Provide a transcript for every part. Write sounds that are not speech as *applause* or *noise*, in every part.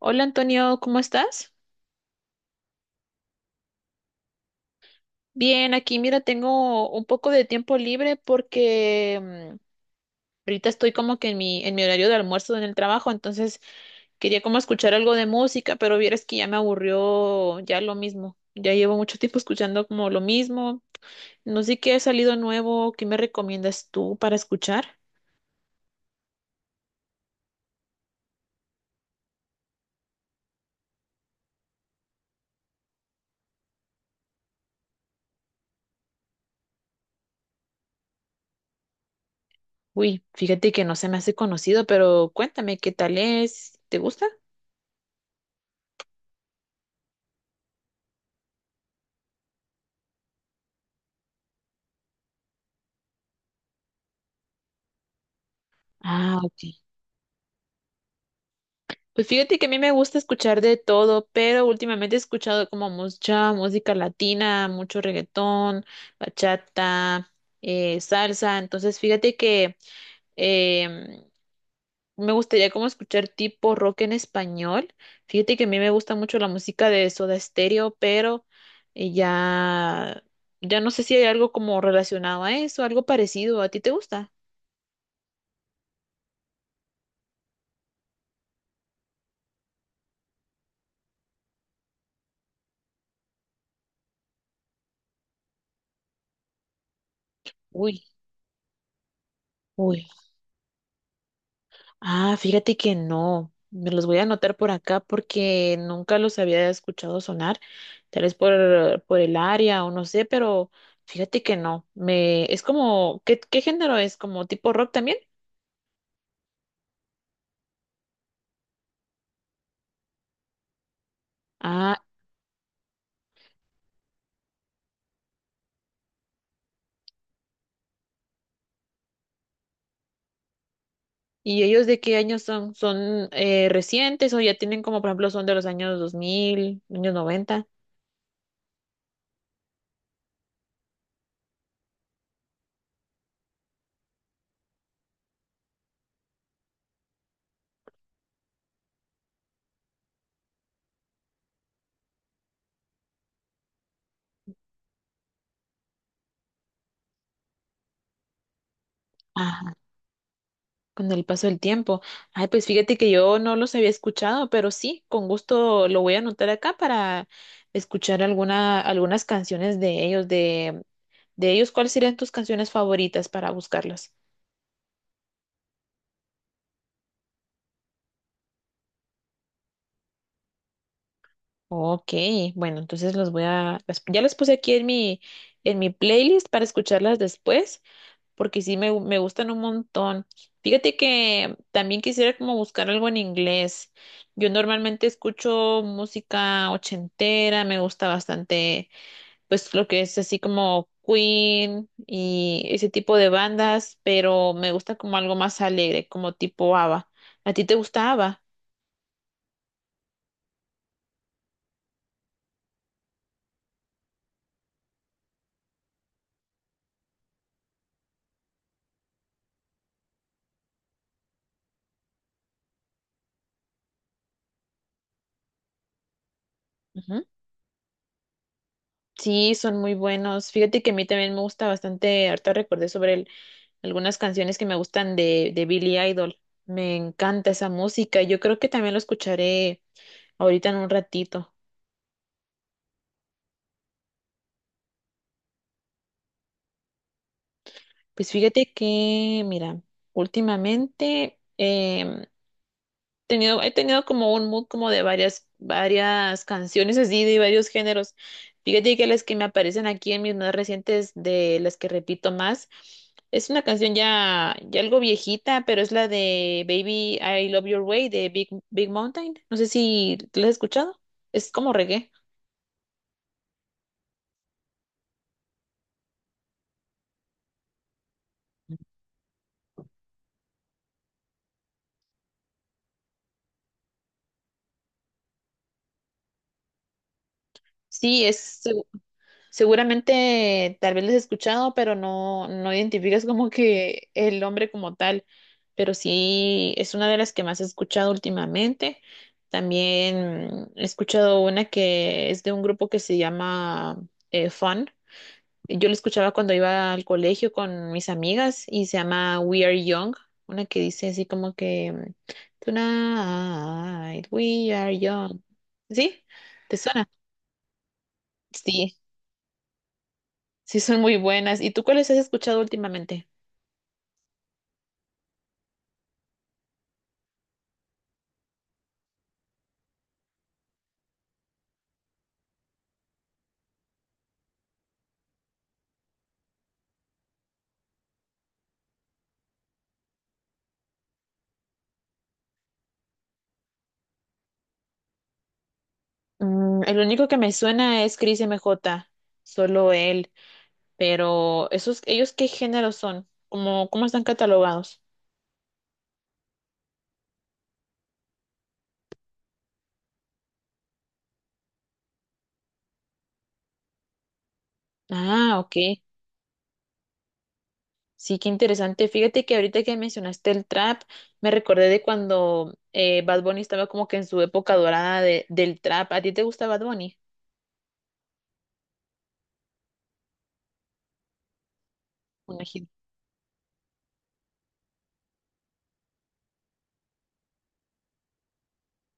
Hola Antonio, ¿cómo estás? Bien, aquí mira, tengo un poco de tiempo libre porque mm, ahorita estoy como que en en mi horario de almuerzo en el trabajo, entonces quería como escuchar algo de música, pero vieras que ya me aburrió ya lo mismo. Ya llevo mucho tiempo escuchando como lo mismo. No sé qué ha salido nuevo, ¿qué me recomiendas tú para escuchar? Uy, fíjate que no se me hace conocido, pero cuéntame qué tal es, ¿te gusta? Ah, ok. Pues fíjate que a mí me gusta escuchar de todo, pero últimamente he escuchado como mucha música latina, mucho reggaetón, bachata, salsa. Entonces fíjate que em, me gustaría como escuchar tipo rock en español. Fíjate que a mí me gusta mucho la música de Soda Stereo, pero eh, ya, ya no sé si hay algo como relacionado a eso, algo parecido. ¿A ti te gusta? Uy. Uy. Ah, fíjate que no. Me los voy a anotar por acá porque nunca los había escuchado sonar, tal vez por el área o no sé, pero fíjate que no. Me, es como, qué género es? ¿Como tipo rock también? Ah, ¿y ellos de qué años son? ¿Son recientes o ya tienen como, por ejemplo, son de los años 2000, años 90? Con el paso del tiempo. Ay, pues fíjate que yo no los había escuchado, pero sí, con gusto lo voy a anotar acá para escuchar algunas canciones de ellos, de ellos, ¿cuáles serían tus canciones favoritas para buscarlas? Ok, bueno, entonces los voy a, ya las puse aquí en en mi playlist para escucharlas después. Porque sí me gustan un montón. Fíjate que también quisiera como buscar algo en inglés. Yo normalmente escucho música ochentera, me gusta bastante pues lo que es así como Queen y ese tipo de bandas, pero me gusta como algo más alegre, como tipo ABBA. ¿A ti te gusta ABBA? Ujú. Sí, son muy buenos. Fíjate que a mí también me gusta bastante, ahorita recordé sobre el algunas canciones que me gustan de Billie Idol. Me encanta esa música. Yo creo que también lo escucharé ahorita en un ratito. Pues fíjate que, mira, últimamente he tenido como un mood como de varias canciones así, de varios géneros. Fíjate que las que me aparecen aquí en mis más recientes, de las que repito más, es una canción ya algo viejita, pero es la de Baby I Love Your Way de Big Mountain. No sé si la has escuchado. Es como reggae. Sí, es seguramente tal vez les he escuchado, pero no identificas como que el hombre como tal. Pero sí es una de las que más he escuchado últimamente. También he escuchado una que es de un grupo que se llama Fun. Yo lo escuchaba cuando iba al colegio con mis amigas y se llama We Are Young. Una que dice así como que tonight we are young. ¿Sí? ¿Te suena? Sí. Sí, son muy buenas. ¿Y tú cuáles has escuchado últimamente? Mm, el único que me suena es Chris M J. Solo él. Pero esos, ¿ellos qué género son? Cómo están catalogados? Ah, ok. Sí, qué interesante. Fíjate que ahorita que mencionaste el trap, me recordé de cuando Bad Bunny estaba como que en su época dorada del trap. ¿A ti te gusta Bad Bunny?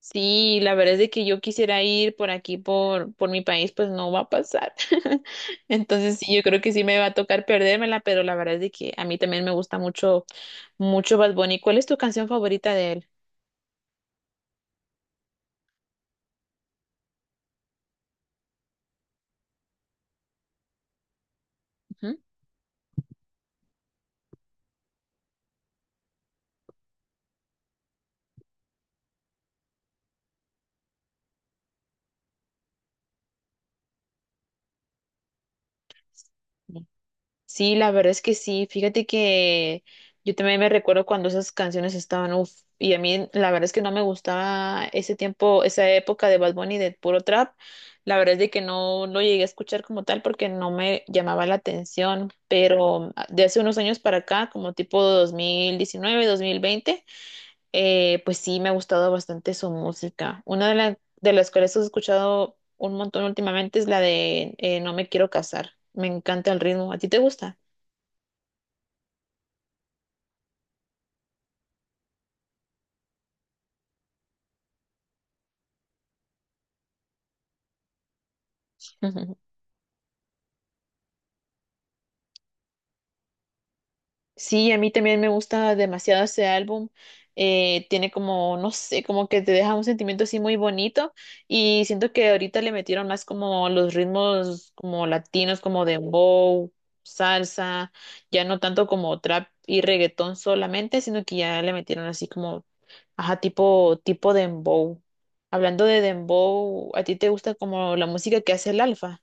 Sí, la verdad es de que yo quisiera ir por aquí, por mi país, pues no va a pasar. *laughs* Entonces sí, yo creo que sí me va a tocar perdérmela, pero la verdad es de que a mí también me gusta mucho Bad Bunny. ¿Cuál es tu canción favorita de él? Ujú. Sí, la verdad es que sí. Fíjate que yo también me recuerdo cuando esas canciones estaban, uff, y a mí la verdad es que no me gustaba ese tiempo, esa época de Bad Bunny de puro trap. La verdad es de que no lo llegué a escuchar como tal porque no me llamaba la atención, pero ah, de hace unos años para acá, como tipo 2019, 2020, pues sí me ha gustado bastante su música. Una de las cuales he escuchado un montón últimamente es la de No me quiero casar. Me encanta el ritmo. ¿A ti te gusta? *laughs* Sí, a mí también me gusta demasiado ese álbum. Tiene como, no sé, como que te deja un sentimiento así muy bonito y siento que ahorita le metieron más como los ritmos como latinos, como dembow, salsa, ya no tanto como trap y reggaetón solamente, sino que ya le metieron así como, ajá, tipo dembow. Hablando de dembow, ¿a ti te gusta como la música que hace el Alfa?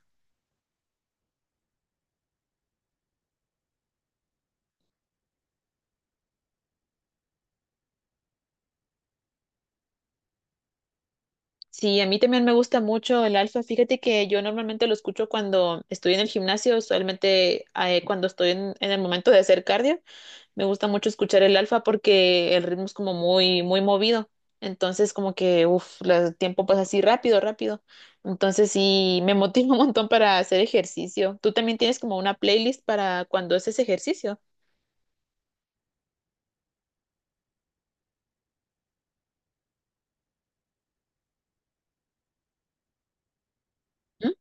Sí, a mí también me gusta mucho el alfa. Fíjate que yo normalmente lo escucho cuando estoy en el gimnasio, usualmente cuando estoy en el momento de hacer cardio, me gusta mucho escuchar el alfa porque el ritmo es como muy movido. Entonces, como que, uff, el tiempo pasa así rápido. Entonces, sí, me motiva *laughs* un montón para hacer ejercicio. ¿Tú también tienes como una playlist para cuando haces ejercicio? ¿Mm?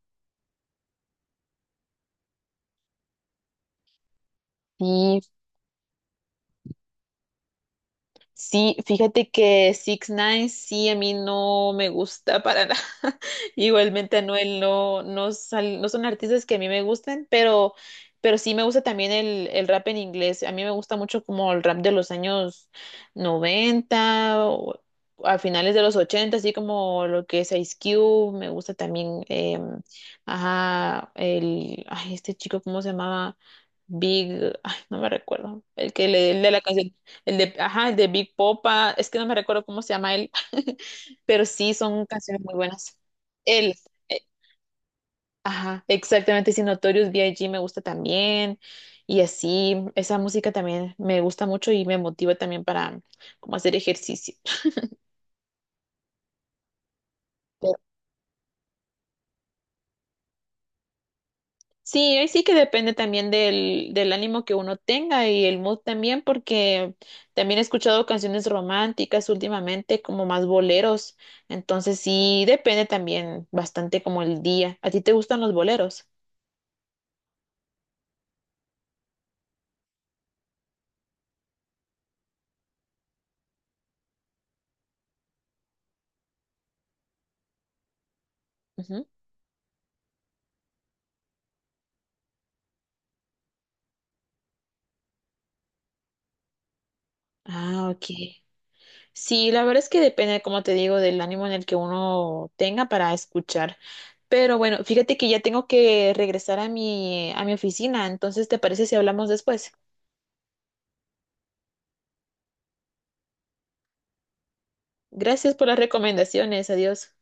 Sí, sí, fíjate que Six Nine sí a mí no me gusta para nada. *laughs* Igualmente Anuel no, no son artistas que a mí me gusten, pero sí me gusta también el rap en inglés. A mí me gusta mucho como el rap de los años 90 o a finales de los 80 así como lo que es Ice Cube. Me gusta también, ajá, el, ay, este chico, ¿cómo se llamaba? Big, ay, no me recuerdo, el que le, el de la canción el de, ajá, el de Big Popa, es que no me recuerdo cómo se llama él, *laughs* pero sí son canciones muy buenas. Él, eh, ajá, exactamente, sí, Notorious B I G me gusta también, y así, esa música también me gusta mucho y me motiva también para como hacer ejercicio. Sí, ahí sí que depende también del ánimo que uno tenga y el mood también, porque también he escuchado canciones románticas últimamente, como más boleros. Entonces sí, depende también bastante como el día. ¿A ti te gustan los boleros? Ujú. Ah, ok. Sí, la verdad es que depende, como te digo, del ánimo en el que uno tenga para escuchar. Pero bueno, fíjate que ya tengo que regresar a a mi oficina, entonces ¿te parece si hablamos después? Gracias por las recomendaciones. Adiós.